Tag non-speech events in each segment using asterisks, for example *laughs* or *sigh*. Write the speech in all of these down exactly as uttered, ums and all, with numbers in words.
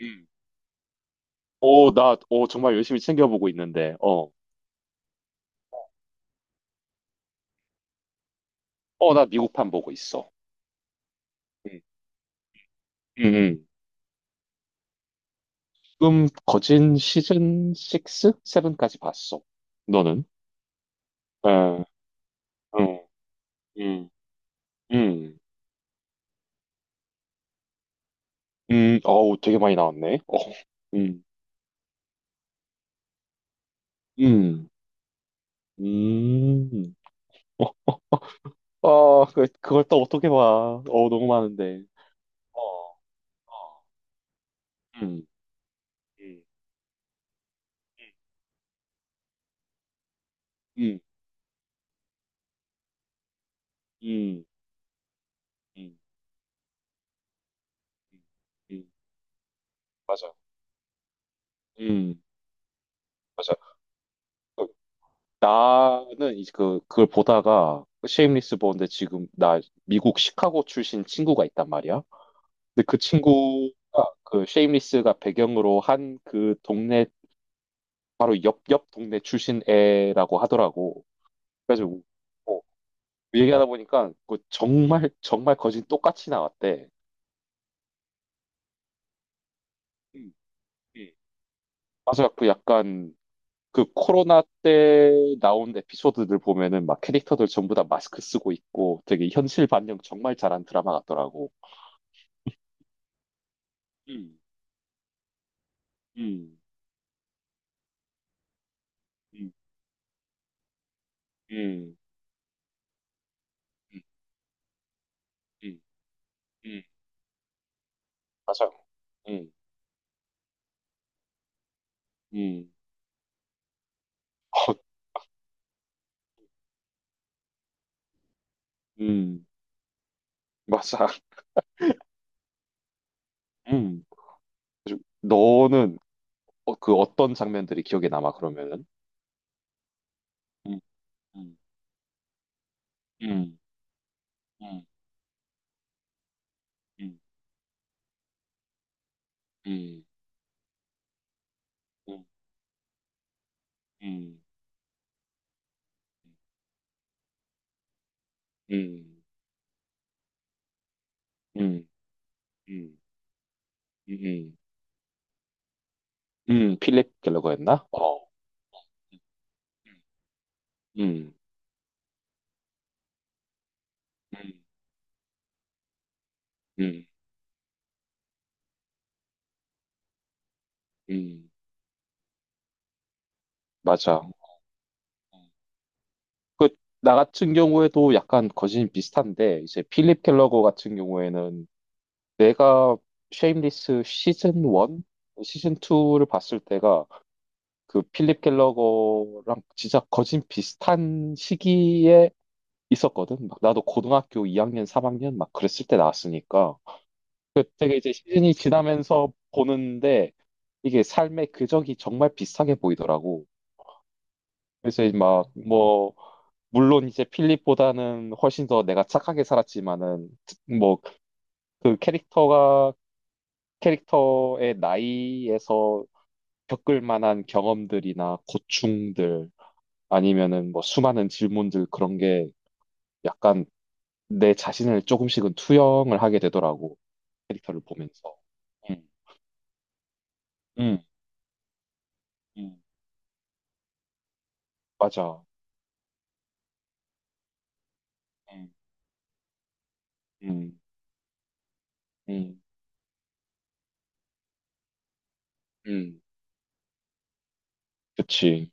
음. 오, 나, 오, 정말 열심히 챙겨보고 있는데, 어, 어, 나 미국판 보고 있어. 음, 음, 음. 지금 거진 시즌 육? 칠까지 봤어. 너는? 에, 음, 음, 음, 음, 어우, 되게 많이 나왔네. 어, 음, 음, 음. 어, 그, 그걸 또 어떻게 봐. 어, 너무 많은데. 어, 어, 음, 음, 음, 음, 음, 음, 음, 맞아. 음, 맞아. 나는 이제 그, 그걸 보다가 쉐임리스 보는데 지금 나 미국 시카고 출신 친구가 있단 말이야. 근데 그 친구가 그 쉐임리스가 배경으로 한 그 동네 바로 옆, 옆 동네 출신 애라고 하더라고. 그래가지고 어, 얘기하다 보니까 그 정말 정말 거진 똑같이 나왔대. 음, 음. 맞아, 그 약간 그 코로나 때 나온 에피소드들 보면은 막 캐릭터들 전부 다 마스크 쓰고 있고 되게 현실 반영 정말 잘한 드라마 같더라고. 음, 음, 음, 음, 음, 음, 음. 맞아. 음, 음, 어, 음, 맞아. 음. 그래서 너는 어, 그 어떤 장면들이 기억에 남아, 그러면은? 음, 음, 음, 음, 음, 음, 음, 음, 음, 음, 음, 음, 음, 필립 갤러거였나? 어. 음, 음, 음, 음, 맞아. 그, 나 같은 경우에도 약간 거진 비슷한데, 이제 필립 켈러거 같은 경우에는 내가 쉐임리스 시즌 일? 시즌 이를 봤을 때가 그 필립 켈러거랑 진짜 거진 비슷한 시기에 있었거든. 막 나도 고등학교 이 학년, 삼 학년 막 그랬을 때 나왔으니까. 그때가 이제 시즌이 지나면서 보는데 이게 삶의 궤적이 정말 비슷하게 보이더라고. 그래서 막뭐 물론 이제 필립보다는 훨씬 더 내가 착하게 살았지만은 뭐 그 캐릭터가 캐릭터의 나이에서 겪을 만한 경험들이나 고충들 아니면은 뭐 수많은 질문들 그런 게 약간 내 자신을 조금씩은 투영을 하게 되더라고 캐릭터를 보면서. 음, 음, 음, 맞아. 음, 음, 음, 음, 그치.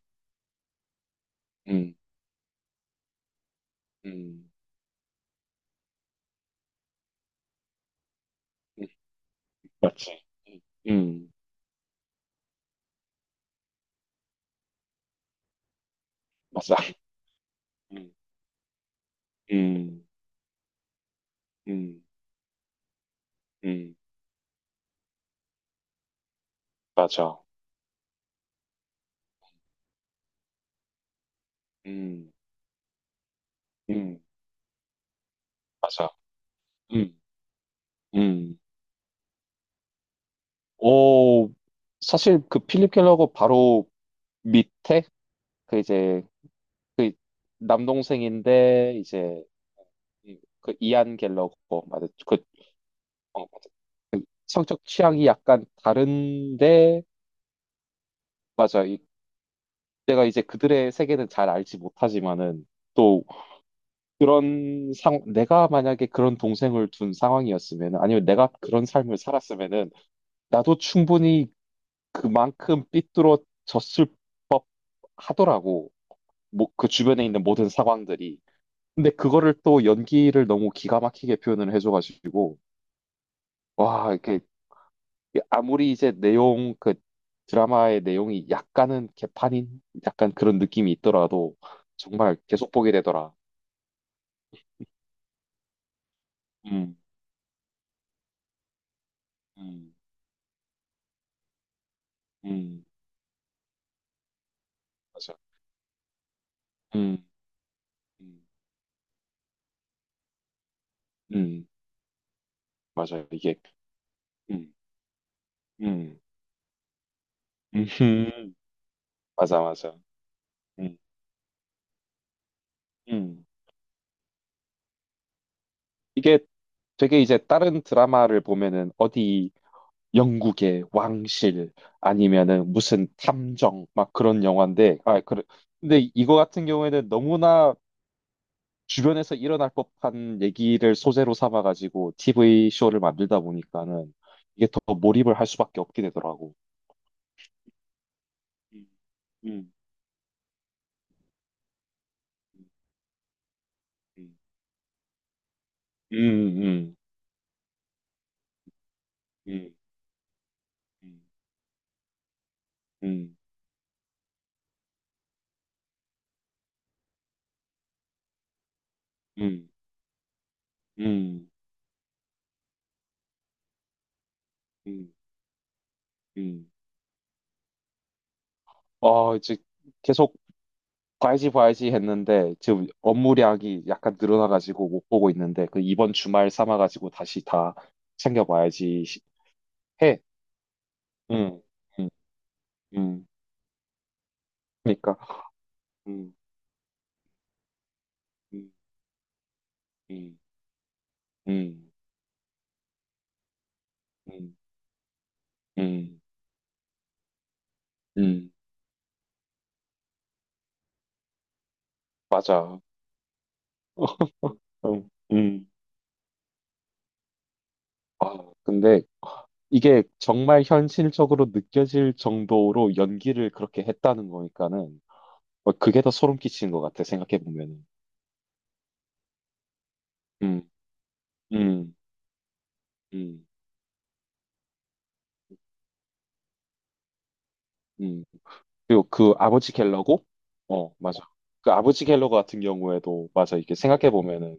음, 음, 음, 맞지. 음, 음, 맞아. 음, 음, 음, 음, 맞아. 음, 음, 맞아. 음, 음. 오, 사실 그 필립 켈러고 바로 밑에 그 이제 그 남동생인데 이제 이- 그 이안 갤러거 맞아. 그 어, 맞아. 그 성적 취향이 약간 다른데 맞아. 이, 내가 이제 그들의 세계는 잘 알지 못하지만은 또 그런 상 내가 만약에 그런 동생을 둔 상황이었으면 아니면 내가 그런 삶을 살았으면은 나도 충분히 그만큼 삐뚤어졌을 하더라고. 뭐, 그 주변에 있는 모든 상황들이. 근데 그거를 또 연기를 너무 기가 막히게 표현을 해줘가지고, 와, 이렇게, 아무리 이제 내용, 그 드라마의 내용이 약간은 개판인? 약간 그런 느낌이 있더라도, 정말 계속 보게 되더라. 음, 음, 음, 맞아. 음, 음, 음, 맞아. 이게, 음, 음, 음, *laughs* 맞아, 맞아. 음, 음. 이게 되게 이제 다른 드라마를 보면은 어디 영국의 왕실 아니면은 무슨 탐정 막 그런 영화인데 아 그래. 근데 이거 같은 경우에는 너무나 주변에서 일어날 법한 얘기를 소재로 삼아가지고 티비 쇼를 만들다 보니까는 이게 더 몰입을 할 수밖에 없게 되더라고. 음, 음, 음, 음, 음, 음, 음, 음, 음, 음, 음. 음. 아, 이제 계속 봐야지 봐야지 했는데 지금 업무량이 약간 늘어나가지고 못 보고 있는데 그 이번 주말 삼아가지고 다시 다 챙겨봐야지 시- 해. 응, 응, 응. 그러니까, 응, 응, 응, 응, 응, 응, 응. 맞아. *laughs* 응, 응. 근데 이게 정말 현실적으로 느껴질 정도로 연기를 그렇게 했다는 거니까는 어, 그게 더 소름 끼치는 것 같아 생각해 보면은. 응, 응, 응, 응. 그리고 그 아버지 갤러고, 어, 맞아. 그 아버지 갤러 같은 경우에도, 맞아. 이게 생각해 보면은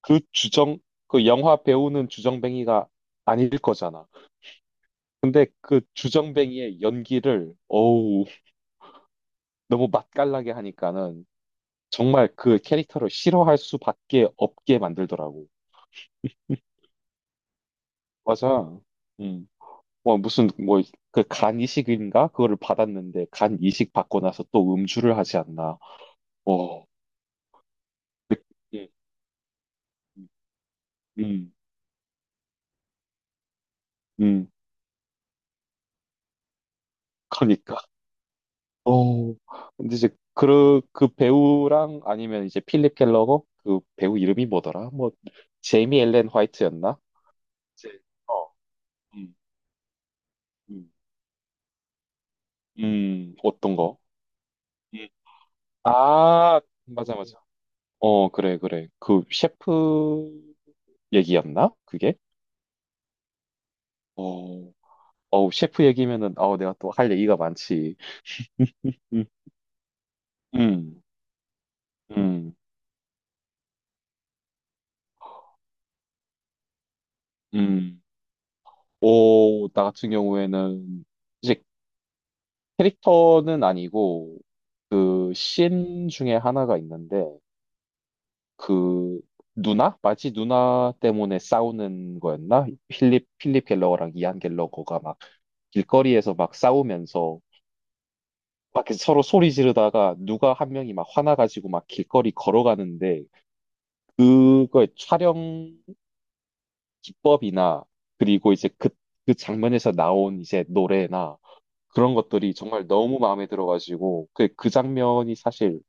그 주정, 그 영화 배우는 주정뱅이가 아닐 거잖아. 근데 그 주정뱅이의 연기를, 어우, 너무 맛깔나게 하니까는 정말 그 캐릭터를 싫어할 수밖에 없게 만들더라고. 맞아. 음. 뭐 무슨 뭐 그 간 이식인가 그거를 받았는데 간 이식 받고 나서 또 음주를 하지 않나. 어. 네. 음. 음. 음. 그러니까. 어. 근데 이제 그, 그 배우랑 아니면 이제 필립 켈러거 그 배우 이름이 뭐더라? 뭐 제이미 엘렌 화이트였나? 제- 어. 음. 음. 음, 어떤 거? 음. 아, 맞아 맞아. 어, 그래 그래. 그 셰프 얘기였나? 그게? 어. 어우, 셰프 얘기면은 아우 내가 또 할 얘기가 많지. 음. 음. 음. 음. 오, 나 같은 경우에는 이제 캐릭터는 아니고 그씬 중에 하나가 있는데 그 누나? 마치 누나 때문에 싸우는 거였나? 필립 필립 갤러거랑 이안 갤러거가 막 길거리에서 막 싸우면서 막 이렇게 서로 소리 지르다가 누가 한 명이 막 화나가지고 막 길거리 걸어가는데 그거의 촬영 기법이나 그리고 이제 그, 그 장면에서 나온 이제 노래나 그런 것들이 정말 너무 마음에 들어가지고 그, 그 장면이 사실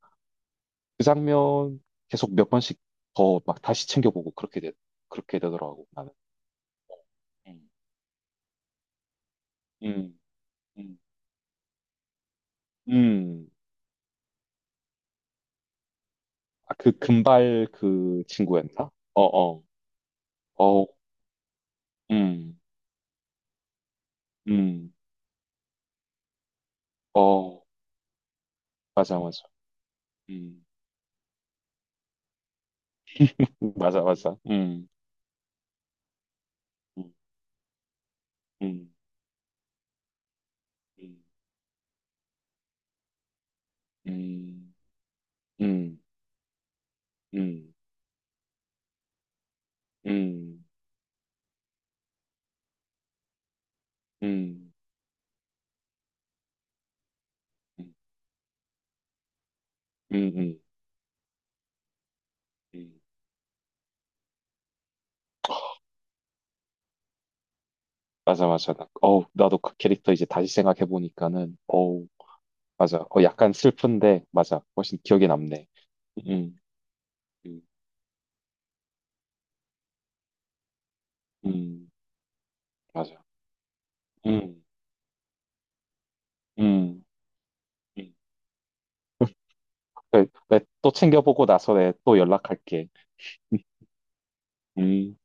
그 장면 계속 몇 번씩 더 막 다시 챙겨보고 그렇게 되, 그렇게 되더라고 나는. 음, 음, 음. 음. 아, 그 금발 그 친구였나? 어, 어, 어, 음, 음, 어, 맞아, 맞아, 음, 맞아, 맞아, 음, 음, 음, 음, 음, 음, 음, 음, 음, 음, 음. 음, 음. 맞아, 맞아. 나, 어우, 나도 그 캐릭터 이제 다시 생각해보니까는, 맞아. 어, 약간 슬픈데, 맞아. 훨씬 기억에 남네. 음, 음, 음, 맞아. 음, 음, 음. 그래, 내또 챙겨보고 나서 내 또 연락할게. 음. 음.